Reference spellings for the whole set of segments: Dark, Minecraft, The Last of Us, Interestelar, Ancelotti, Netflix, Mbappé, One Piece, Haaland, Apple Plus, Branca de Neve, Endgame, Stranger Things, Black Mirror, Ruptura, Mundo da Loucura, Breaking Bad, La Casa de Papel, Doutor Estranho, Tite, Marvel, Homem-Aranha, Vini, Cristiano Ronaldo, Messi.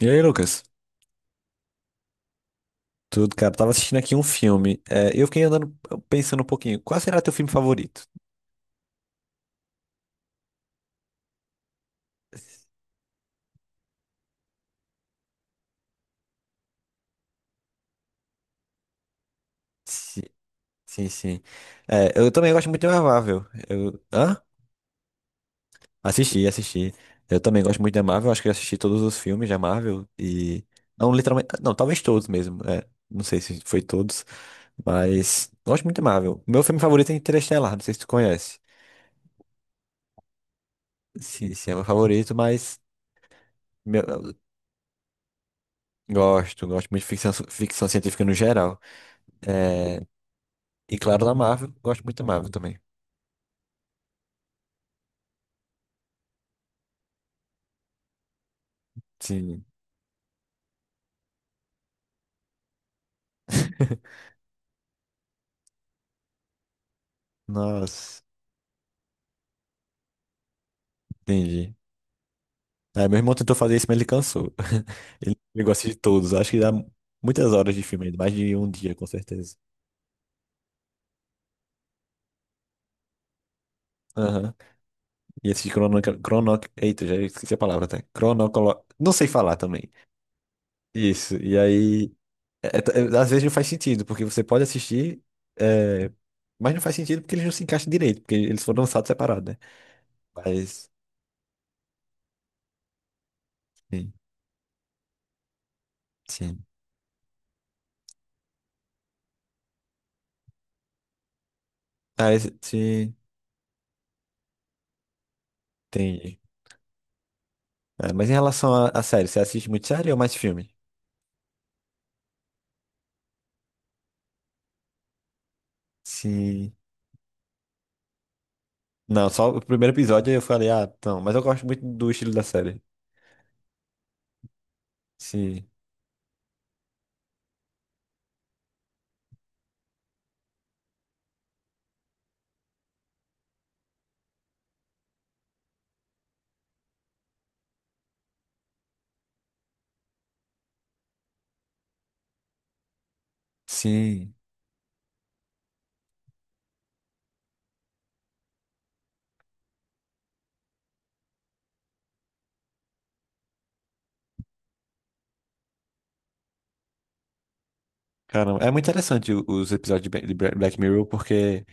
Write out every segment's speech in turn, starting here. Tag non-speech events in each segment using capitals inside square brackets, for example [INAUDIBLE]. E aí, Lucas? Tudo, cara? Tava assistindo aqui um filme. É, eu fiquei andando pensando um pouquinho. Qual será teu filme favorito? Sim, sim, sim. É, eu também gosto muito de Marvel. Eu, hã? Assisti, assisti. Eu também gosto muito da Marvel. Acho que eu assisti todos os filmes da Marvel e não literalmente, não, talvez todos mesmo. É, não sei se foi todos, mas gosto muito da Marvel. Meu filme favorito é Interestelar. Não sei se tu conhece. Sim, sim, é meu favorito, mas meu- gosto muito de ficção científica no geral. É, e claro, da Marvel. Gosto muito da Marvel também. Sim. [LAUGHS] Nossa, entendi. Aí meu irmão tentou fazer isso, mas ele cansou. [LAUGHS] Ele chegou a assistir todos. Acho que dá muitas horas de filme ainda, mais de um dia, com certeza. Aham. E esse Eita, já esqueci a palavra até. Não sei falar também. Isso. E aí, às vezes não faz sentido, porque você pode assistir, é, mas não faz sentido porque eles não se encaixam direito, porque eles foram lançados separados, né? Mas, sim, sim. Ah, esse, sim. Entendi. É, mas em relação a série, você assiste muito série ou mais filme? Sim. Não, só o primeiro episódio eu falei, ah, não, mas eu gosto muito do estilo da série. Sim. Sim. Caramba, é muito interessante os episódios de Ba- de Bra- Black Mirror, porque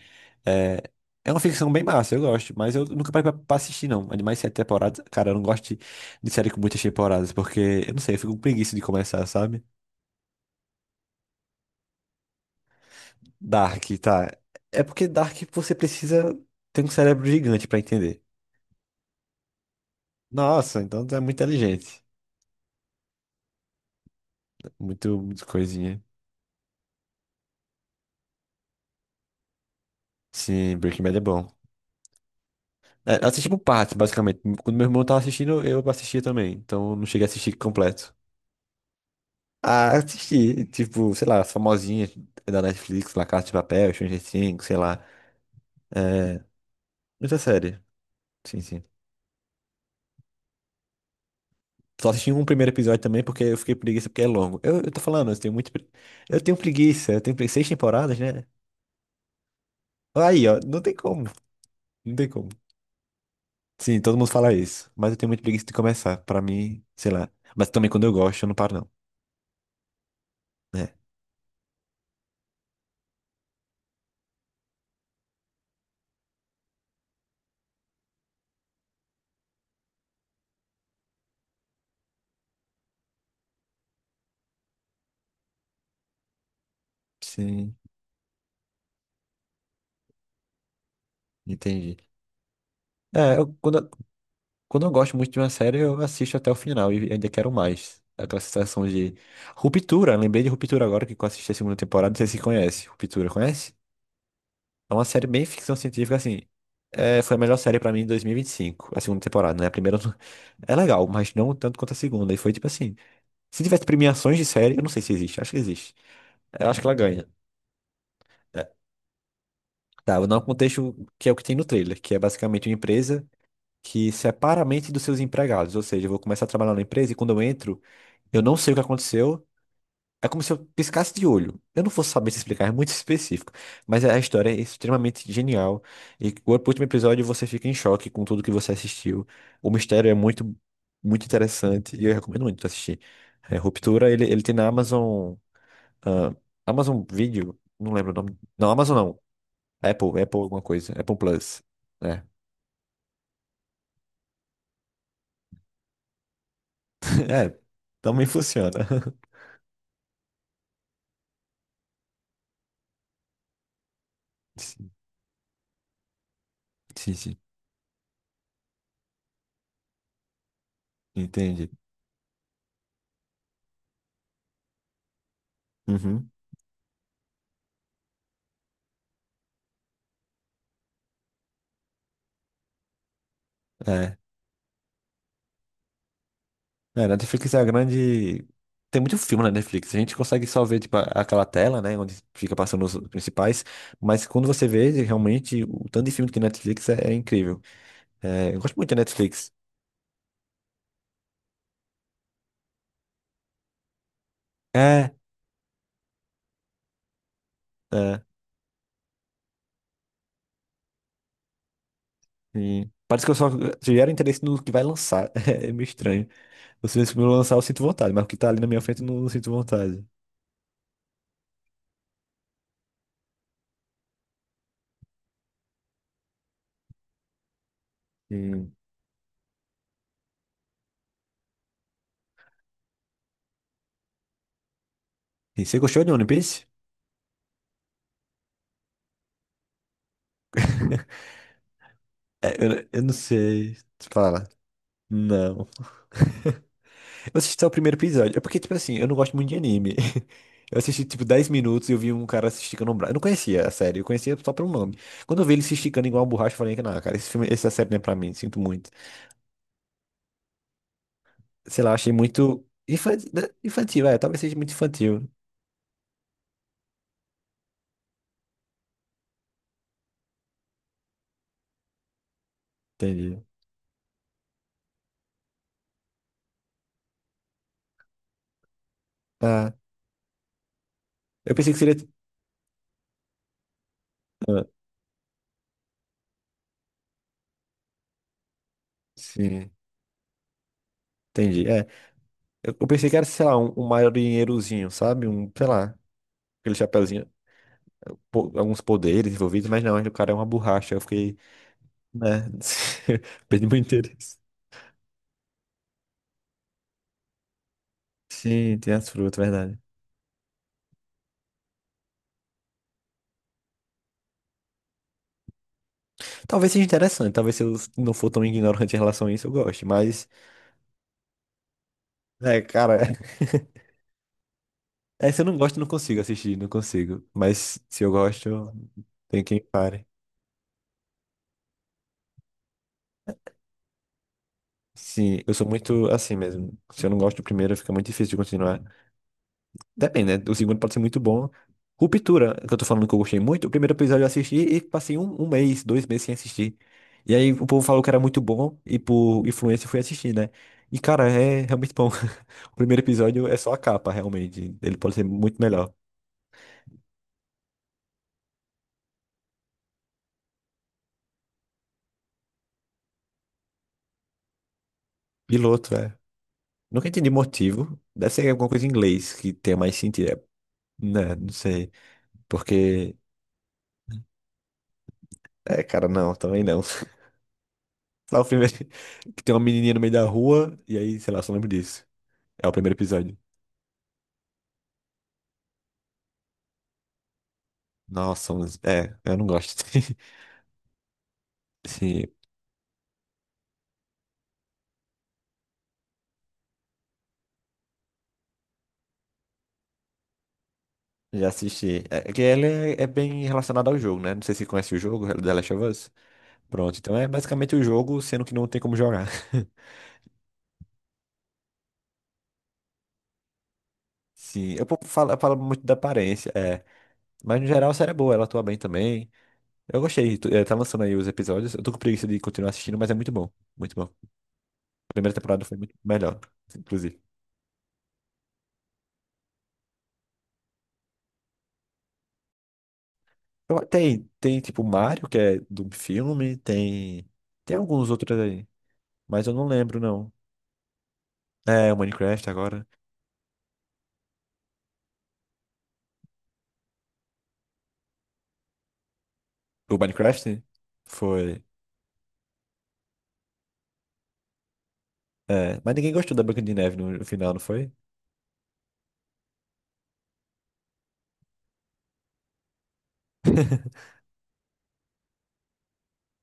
é, é uma ficção bem massa, eu gosto, mas eu nunca parei pra assistir, não. Animais 7 temporadas, cara, eu não gosto de série com muitas temporadas, porque, eu não sei, eu fico com preguiça de começar, sabe? Dark, tá. É porque Dark você precisa ter um cérebro gigante pra entender. Nossa, então tu é muito inteligente. Muito, muito coisinha. Sim, Breaking Bad é bom. É, assisti por partes, basicamente. Quando meu irmão tava assistindo, eu assistia também. Então eu não cheguei a assistir completo. Ah, assisti, tipo, sei lá, as famosinhas da Netflix, La Casa de Papel, Stranger Things, sei lá. É, muita série. Sim, sim. Só assisti um primeiro episódio também porque eu fiquei preguiça porque é longo. Eu tô falando, eu tenho muito. Eu tenho preguiça, 6 temporadas, né? Aí, ó, não tem como. Não tem como. Sim, todo mundo fala isso. Mas eu tenho muita preguiça de começar. Pra mim, sei lá. Mas também quando eu gosto, eu não paro, não. É. Sim, entendi. É, quando eu gosto muito de uma série, eu assisto até o final e ainda quero mais. Aquela sensação de Ruptura. Lembrei de Ruptura agora que eu assisti a segunda temporada. Não sei se conhece. Ruptura, conhece? É uma série bem ficção científica, assim. É, foi a melhor série pra mim em 2025, a segunda temporada, né? A primeira eu [LAUGHS] é legal, mas não tanto quanto a segunda. E foi tipo assim: se tivesse premiações de série, eu não sei se existe, acho que existe. Eu acho que ela ganha. Tá, vou dar um contexto que é o que tem no trailer, que é basicamente uma empresa que separa a mente dos seus empregados. Ou seja, eu vou começar a trabalhar na empresa e quando eu entro, eu não sei o que aconteceu. É como se eu piscasse de olho. Eu não vou saber te explicar, é muito específico. Mas a história é extremamente genial. E o último episódio você fica em choque com tudo que você assistiu. O mistério é muito, muito interessante e eu recomendo muito assistir. É, Ruptura, ele tem na Amazon, ah, Amazon Video, não lembro o nome. Não, Amazon não. Apple alguma coisa. Apple Plus. É. [LAUGHS] É, também funciona. [LAUGHS] Sim, sim, sim. Entendi. Uhum. É. É, Netflix é a grande. Tem muito filme na Netflix. A gente consegue só ver, tipo, aquela tela, né? Onde fica passando os principais. Mas quando você vê, realmente, o tanto de filme que tem na Netflix é incrível. É, eu gosto muito da Netflix. É, é. Sim. Parece que eu só gero interesse no que vai lançar. [LAUGHS] É meio estranho. Se eu lançar, eu sinto vontade, mas o que tá ali na minha frente, eu não, não sinto vontade. Sim. E você gostou de One Piece? É, eu não sei. Fala. Não. Eu assisti só o primeiro episódio. É porque, tipo assim, eu não gosto muito de anime. [LAUGHS] Eu assisti, tipo, 10 minutos e eu vi um cara se esticando um braço. Eu não conhecia a série, eu conhecia só pelo nome. Quando eu vi ele se esticando igual uma borracha, eu falei que não, cara, esse filme, essa série não é pra mim, sinto muito. Sei lá, achei muito infantil, infantil, talvez seja muito infantil. Entendi. Ah, eu pensei que seria. Ah, sim, entendi. É, eu pensei que era, sei lá, um, marinheirozinho, sabe? Um, sei lá, aquele chapeuzinho. Alguns poderes envolvidos, mas não, o cara é uma borracha. Eu fiquei, né? [LAUGHS] Perdi meu interesse. Sim, tem as frutas, verdade. Talvez seja interessante, talvez se eu não for tão ignorante em relação a isso, eu goste, mas, cara, [LAUGHS] se eu não gosto, eu não consigo assistir, não consigo. Mas se eu gosto, tem quem pare. Sim, eu sou muito assim mesmo. Se eu não gosto do primeiro, fica muito difícil de continuar. Depende, né? O segundo pode ser muito bom. Ruptura, que eu tô falando que eu gostei muito. O primeiro episódio eu assisti e passei um mês, 2 meses sem assistir. E aí o povo falou que era muito bom e por influência eu fui assistir, né? E cara, é realmente bom. [LAUGHS] O primeiro episódio é só a capa, realmente. Ele pode ser muito melhor. Piloto, é. Nunca entendi motivo. Deve ser alguma coisa em inglês que tenha mais sentido. É, né? Não sei. Porque. É, cara, não, também não. [LAUGHS] Só o primeiro. [LAUGHS] Que tem uma menininha no meio da rua e aí, sei lá, só lembro disso. É o primeiro episódio. Nossa, é, eu não gosto. [LAUGHS] Sim, já assisti. É que ele é bem relacionado ao jogo, né? Não sei se conhece o jogo, The Last of Us. Pronto, então é basicamente o jogo, sendo que não tem como jogar. [LAUGHS] Sim, eu pouco falo, eu falo muito da aparência, é. Mas no geral a série é boa, ela atua bem também. Eu gostei, tá lançando aí os episódios. Eu tô com preguiça de continuar assistindo, mas é muito bom. Muito bom. A primeira temporada foi muito melhor, inclusive. Tem tipo Mario, que é do filme, tem. Tem alguns outros aí. Mas eu não lembro, não. É, o Minecraft agora. O Minecraft foi. É, mas ninguém gostou da Branca de Neve no final, não foi? [LAUGHS]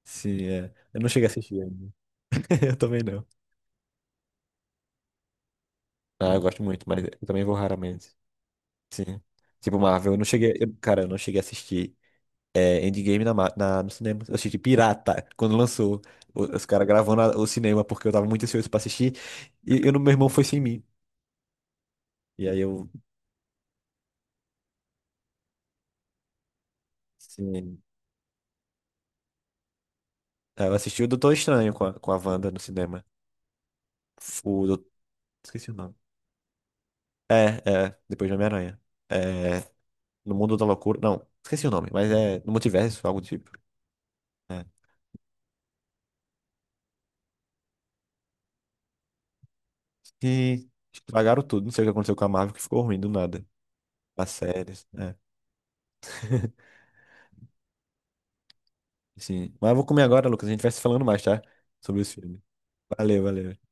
Sim, é. Eu não cheguei a assistir ainda. [LAUGHS] Eu também não. Ah, eu gosto muito, mas eu também vou raramente. Sim. Tipo, Marvel, eu não cheguei. Eu cara, eu não cheguei a assistir Endgame no cinema. Eu assisti Pirata, quando lançou. Os caras gravando o cinema, porque eu tava muito ansioso pra assistir. E eu, meu irmão foi sem mim. E aí eu. Sim. Aí eu assisti o Doutor Estranho com a Wanda no cinema. O, Dou- Esqueci o nome. É, é, depois de Homem-Aranha. É, no Mundo da Loucura. Não, esqueci o nome, mas é no multiverso, algo do tipo. É. E estragaram tudo. Não sei o que aconteceu com a Marvel, que ficou ruim do nada. As séries, né? [LAUGHS] Sim. Mas eu vou comer agora, Lucas. A gente vai se falando mais, tá? Sobre os filmes. Valeu, valeu.